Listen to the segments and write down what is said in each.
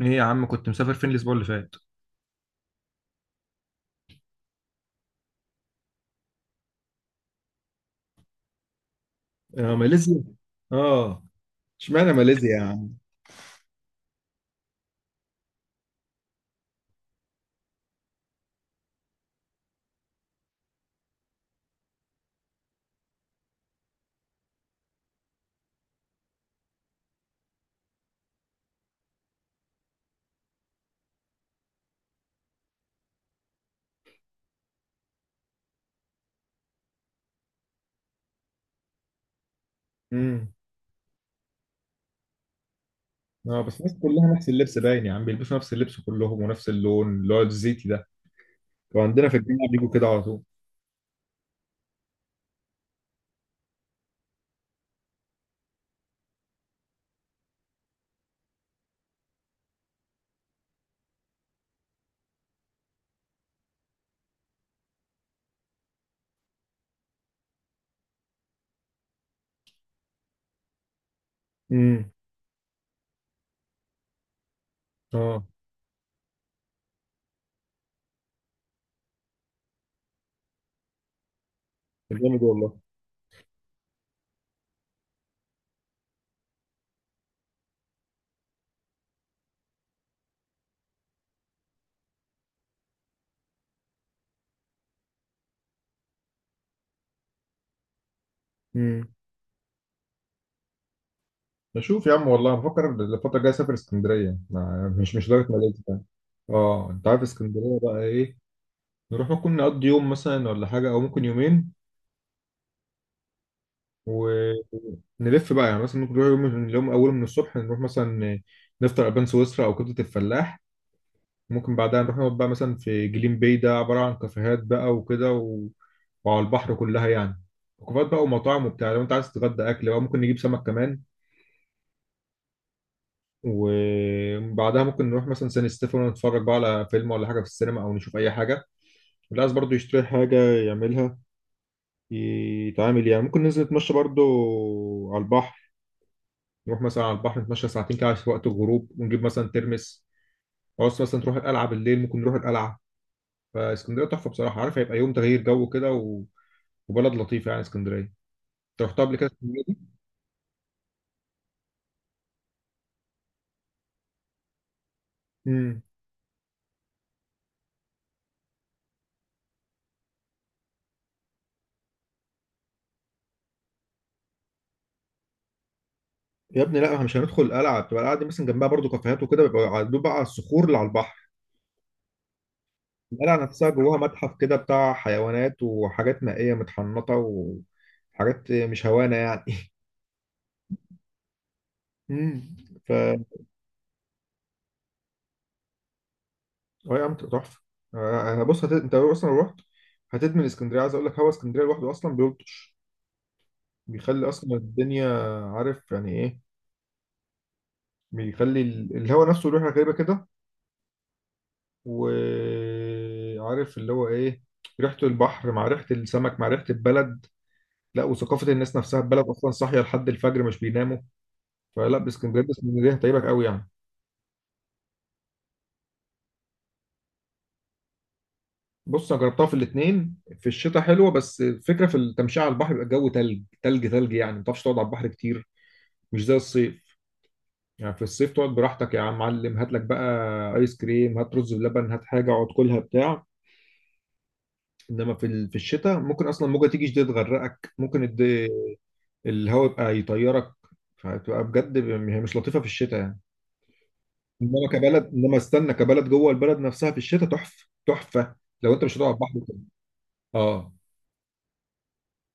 ايه يا عم، كنت مسافر فين الاسبوع اللي فات؟ آه، ماليزيا. اه. اشمعنى ماليزيا يا عم؟ امم. اه، بس الناس كلها نفس اللبس باين يا عم، بيلبسوا نفس اللبس كلهم ونفس اللون اللي هو الزيتي ده. وعندنا في الجامعه بيجوا كده على طول. امم. اه، جامد والله. امم. بشوف يا عم والله، بفكر الفتره الجايه اسافر اسكندريه، مش لدرجه ماليزيا يعني. اه انت عارف اسكندريه بقى ايه؟ نروح، ممكن نقضي يوم مثلا ولا حاجه، او ممكن يومين و. نلف بقى، يعني مثلا ممكن نروح يوم من اليوم، أول من الصبح نروح مثلا نفطر ألبان سويسرا أو كبدة الفلاح. ممكن بعدها نروح نقعد بقى مثلا في جليم باي، ده عبارة عن كافيهات بقى وكده، و وعلى البحر كلها يعني، وكافيهات بقى ومطاعم وبتاع. لو أنت عايز تتغدى أكل بقى ممكن نجيب سمك كمان. وبعدها ممكن نروح مثلا سان ستيفانو، نتفرج بقى على فيلم ولا حاجة في السينما، أو نشوف أي حاجة اللي عايز برضه يشتري حاجة يعملها يتعامل يعني. ممكن ننزل نتمشى برضه على البحر، نروح مثلا على البحر نتمشى ساعتين كده في وقت الغروب، ونجيب مثلا ترمس. عاوز مثلا تروح القلعه بالليل، ممكن نروح القلعه. فاسكندريه تحفه بصراحه، عارف، هيبقى يوم تغيير جو كده، و وبلد لطيفه يعني اسكندريه. انت رحتها قبل كده اسكندريه دي؟ امم. يا ابني لا، احنا مش هندخل القلعه. بتبقى القلعه دي مثلا جنبها برضو كافيهات وكده، بيبقى دوب بقى على الصخور اللي على البحر. القلعه نفسها جواها متحف كده بتاع حيوانات وحاجات مائيه متحنطه، وحاجات مش هوانه يعني. امم. اه يا عم، تبقى تحفه. انا بص انت اصلا، لو اصلا رحت هتدمن اسكندريه. عايز اقول لك، هوا اسكندريه لوحده اصلا بيلطش، بيخلي اصلا الدنيا، عارف يعني ايه، بيخلي الهوا نفسه ريحه غريبه كده. وعارف اللي هو ايه؟ ريحه البحر مع ريحه السمك مع ريحه البلد. لا، وثقافه الناس نفسها، البلد اصلا صاحيه لحد الفجر مش بيناموا. فلا، باسكندريه، اسكندريه هتعيبك قوي يعني. بص انا جربتها في الاثنين. في الشتاء حلوه، بس الفكره في التمشيه على البحر، بيبقى الجو تلج تلج تلج، يعني ما تعرفش تقعد على البحر كتير، مش زي الصيف. يعني في الصيف تقعد براحتك يا عم معلم، هات لك بقى ايس كريم، هات رز بلبن، هات حاجه، اقعد، كلها بتاع. انما في في الشتاء ممكن اصلا موجه تيجي شديد تغرقك، ممكن الهواء يبقى يطيرك. فهتبقى بجد، هي مش لطيفه في الشتاء يعني. انما استنى، كبلد جوه البلد نفسها في الشتاء تحفه تحفه، لو انت مش هتقعد بحر وكده. اه،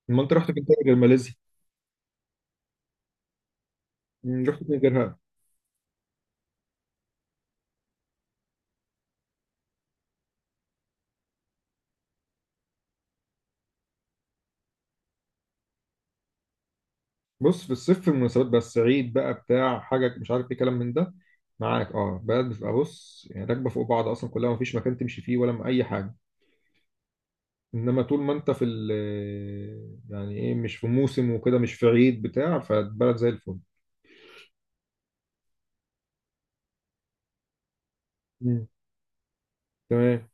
ما انت رحت فين تاني غير ماليزيا؟ رحت فين غيرها؟ بص، في الصيف في المناسبات بس، عيد بقى بتاع حاجة مش عارف ايه كلام من ده، معاك؟ اه، بلد بتبقى، بص يعني راكبة فوق بعض أصلا، كلها مفيش مكان تمشي فيه ولا أي حاجة. إنما طول ما أنت في ال، يعني إيه، مش في موسم وكده، مش في عيد بتاع، فالبلد زي الفل. مم. تمام.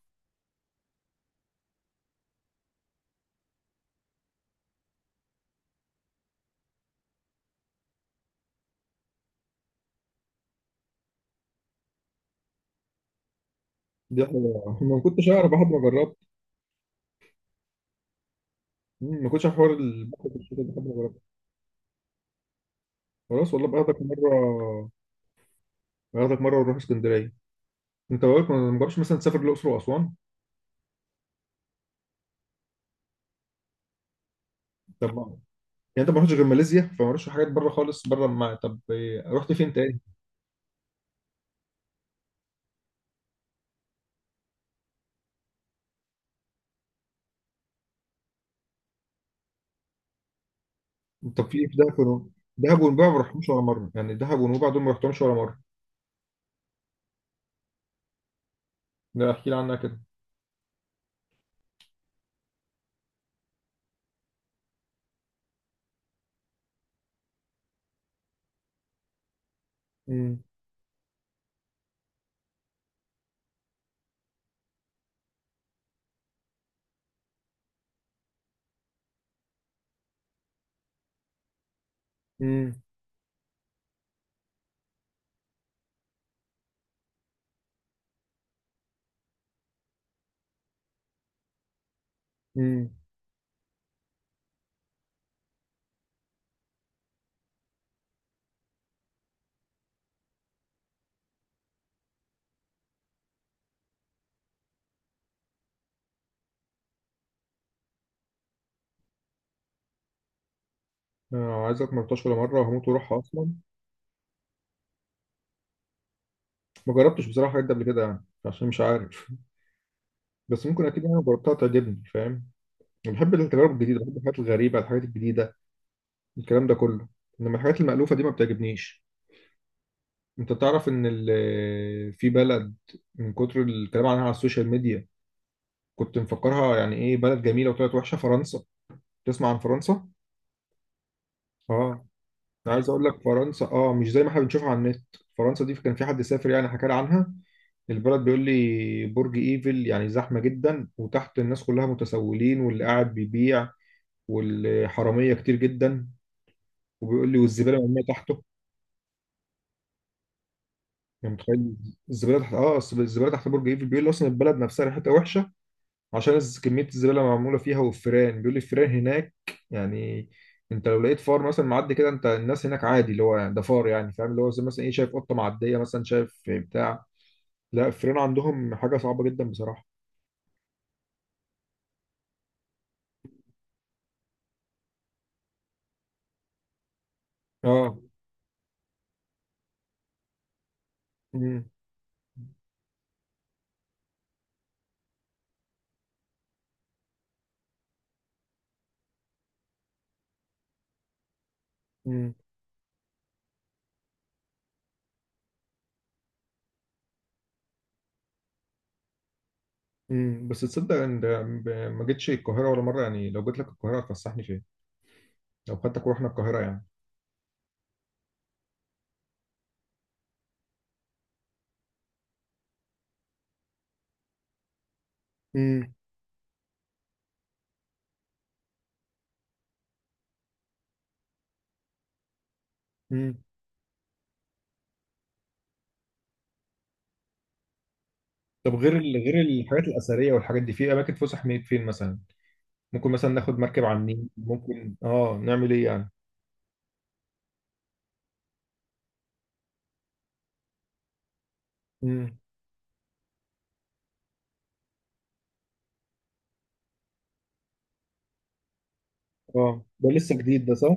دي حلوة، ما كنتش أعرف لحد ما جربت. ما كنتش أعرف حوار البحر في الشتاء ده لحد ما جربت. خلاص والله، باخدك مرة، باخدك مرة ونروح اسكندرية. أنت بقولك ما جربتش مثلا تسافر الأقصر وأسوان؟ طب، يعني انت ما رحتش غير ماليزيا؟ فما رحتش حاجات بره خالص، بره ما، طب إيه، رحت فين تاني؟ طب في إيه في دهب ونويبع؟ دهب ونويبع ما رحتهمش ولا مره، يعني دهب ونويبع دول ما رحتهمش ولا مره. لا احكي لي عنها كده. امم. امم. امم. آه، عايزك، ما رحتهاش ولا مره وهموت واروحها اصلا. ما جربتش بصراحه الحاجات دي قبل كده، يعني عشان مش عارف. بس ممكن اكيد انا جربتها تعجبني، فاهم؟ انا بحب التجارب الجديده، بحب الحاجات الغريبه، الحاجات الجديده، الكلام ده كله. انما الحاجات المألوفه دي ما بتعجبنيش. انت تعرف ان في بلد من كتر الكلام عنها على السوشيال ميديا كنت مفكرها يعني ايه بلد جميله، وطلعت وحشه: فرنسا. تسمع عن فرنسا؟ اه. انا عايز اقول لك، فرنسا اه، مش زي ما احنا بنشوفها على النت. فرنسا دي كان في حد سافر يعني حكى لي عنها البلد، بيقول لي برج ايفل يعني زحمه جدا، وتحت الناس كلها متسولين واللي قاعد بيبيع، والحراميه كتير جدا. وبيقول لي والزباله مرميه تحته، يعني متخيل؟ الزباله تحت برج ايفل. بيقول لي اصلا البلد نفسها ريحتها وحشه عشان كمية الزبالة اللي معمولة فيها. والفيران، بيقول لي الفيران هناك، يعني انت لو لقيت فار مثلا معدي كده، انت الناس هناك عادي، اللي هو ده فار، يعني فاهم؟ اللي هو زي مثلا ايه، شايف قطة معدية مثلا، شايف بتاع. لا، الفيران عندهم حاجة صعبة جدا بصراحة. اه. امم. امم. امم، بس تصدق ان ده، ما جيتش القاهرة ولا مرة؟ يعني لو جيت لك القاهرة هتفسحني فين، لو خدتك ورحنا القاهرة يعني؟ امم. امم. طب غير غير الحاجات الأثرية والحاجات دي، في أماكن فسح فين مثلا؟ ممكن مثلا ناخد مركب على النيل، ممكن اه نعمل ايه يعني؟ امم. اه، ده لسه جديد ده، صح؟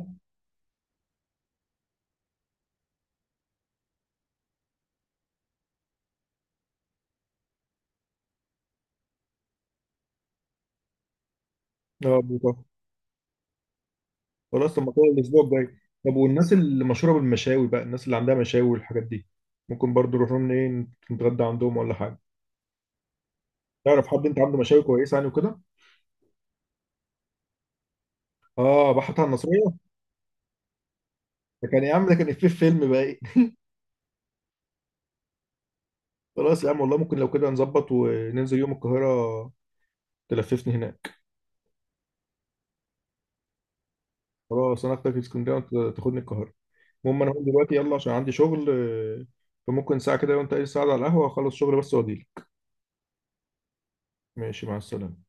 اه، بيطلع. خلاص، طب ما كده الاسبوع الجاي. طب والناس اللي مشهوره بالمشاوي بقى، الناس اللي عندها مشاوي والحاجات دي، ممكن برضو نروح لهم، ايه، نتغدى عندهم ولا حاجه؟ تعرف حد انت عنده مشاوي كويسه يعني وكده؟ اه، بحط على النصريه. ده كان يا عم، ده كان إفيه في فيلم بقى ايه. خلاص يا عم والله، ممكن لو كده نظبط وننزل يوم القاهره تلففني هناك. خلاص، انا اخدك اسكندريه وانت تاخدني القاهره. المهم، انا هقوم دلوقتي يلا عشان عندي شغل. فممكن ساعه كده، وانت ايه ساعه على القهوه، اخلص شغل بس واجيلك. ماشي، مع السلامه.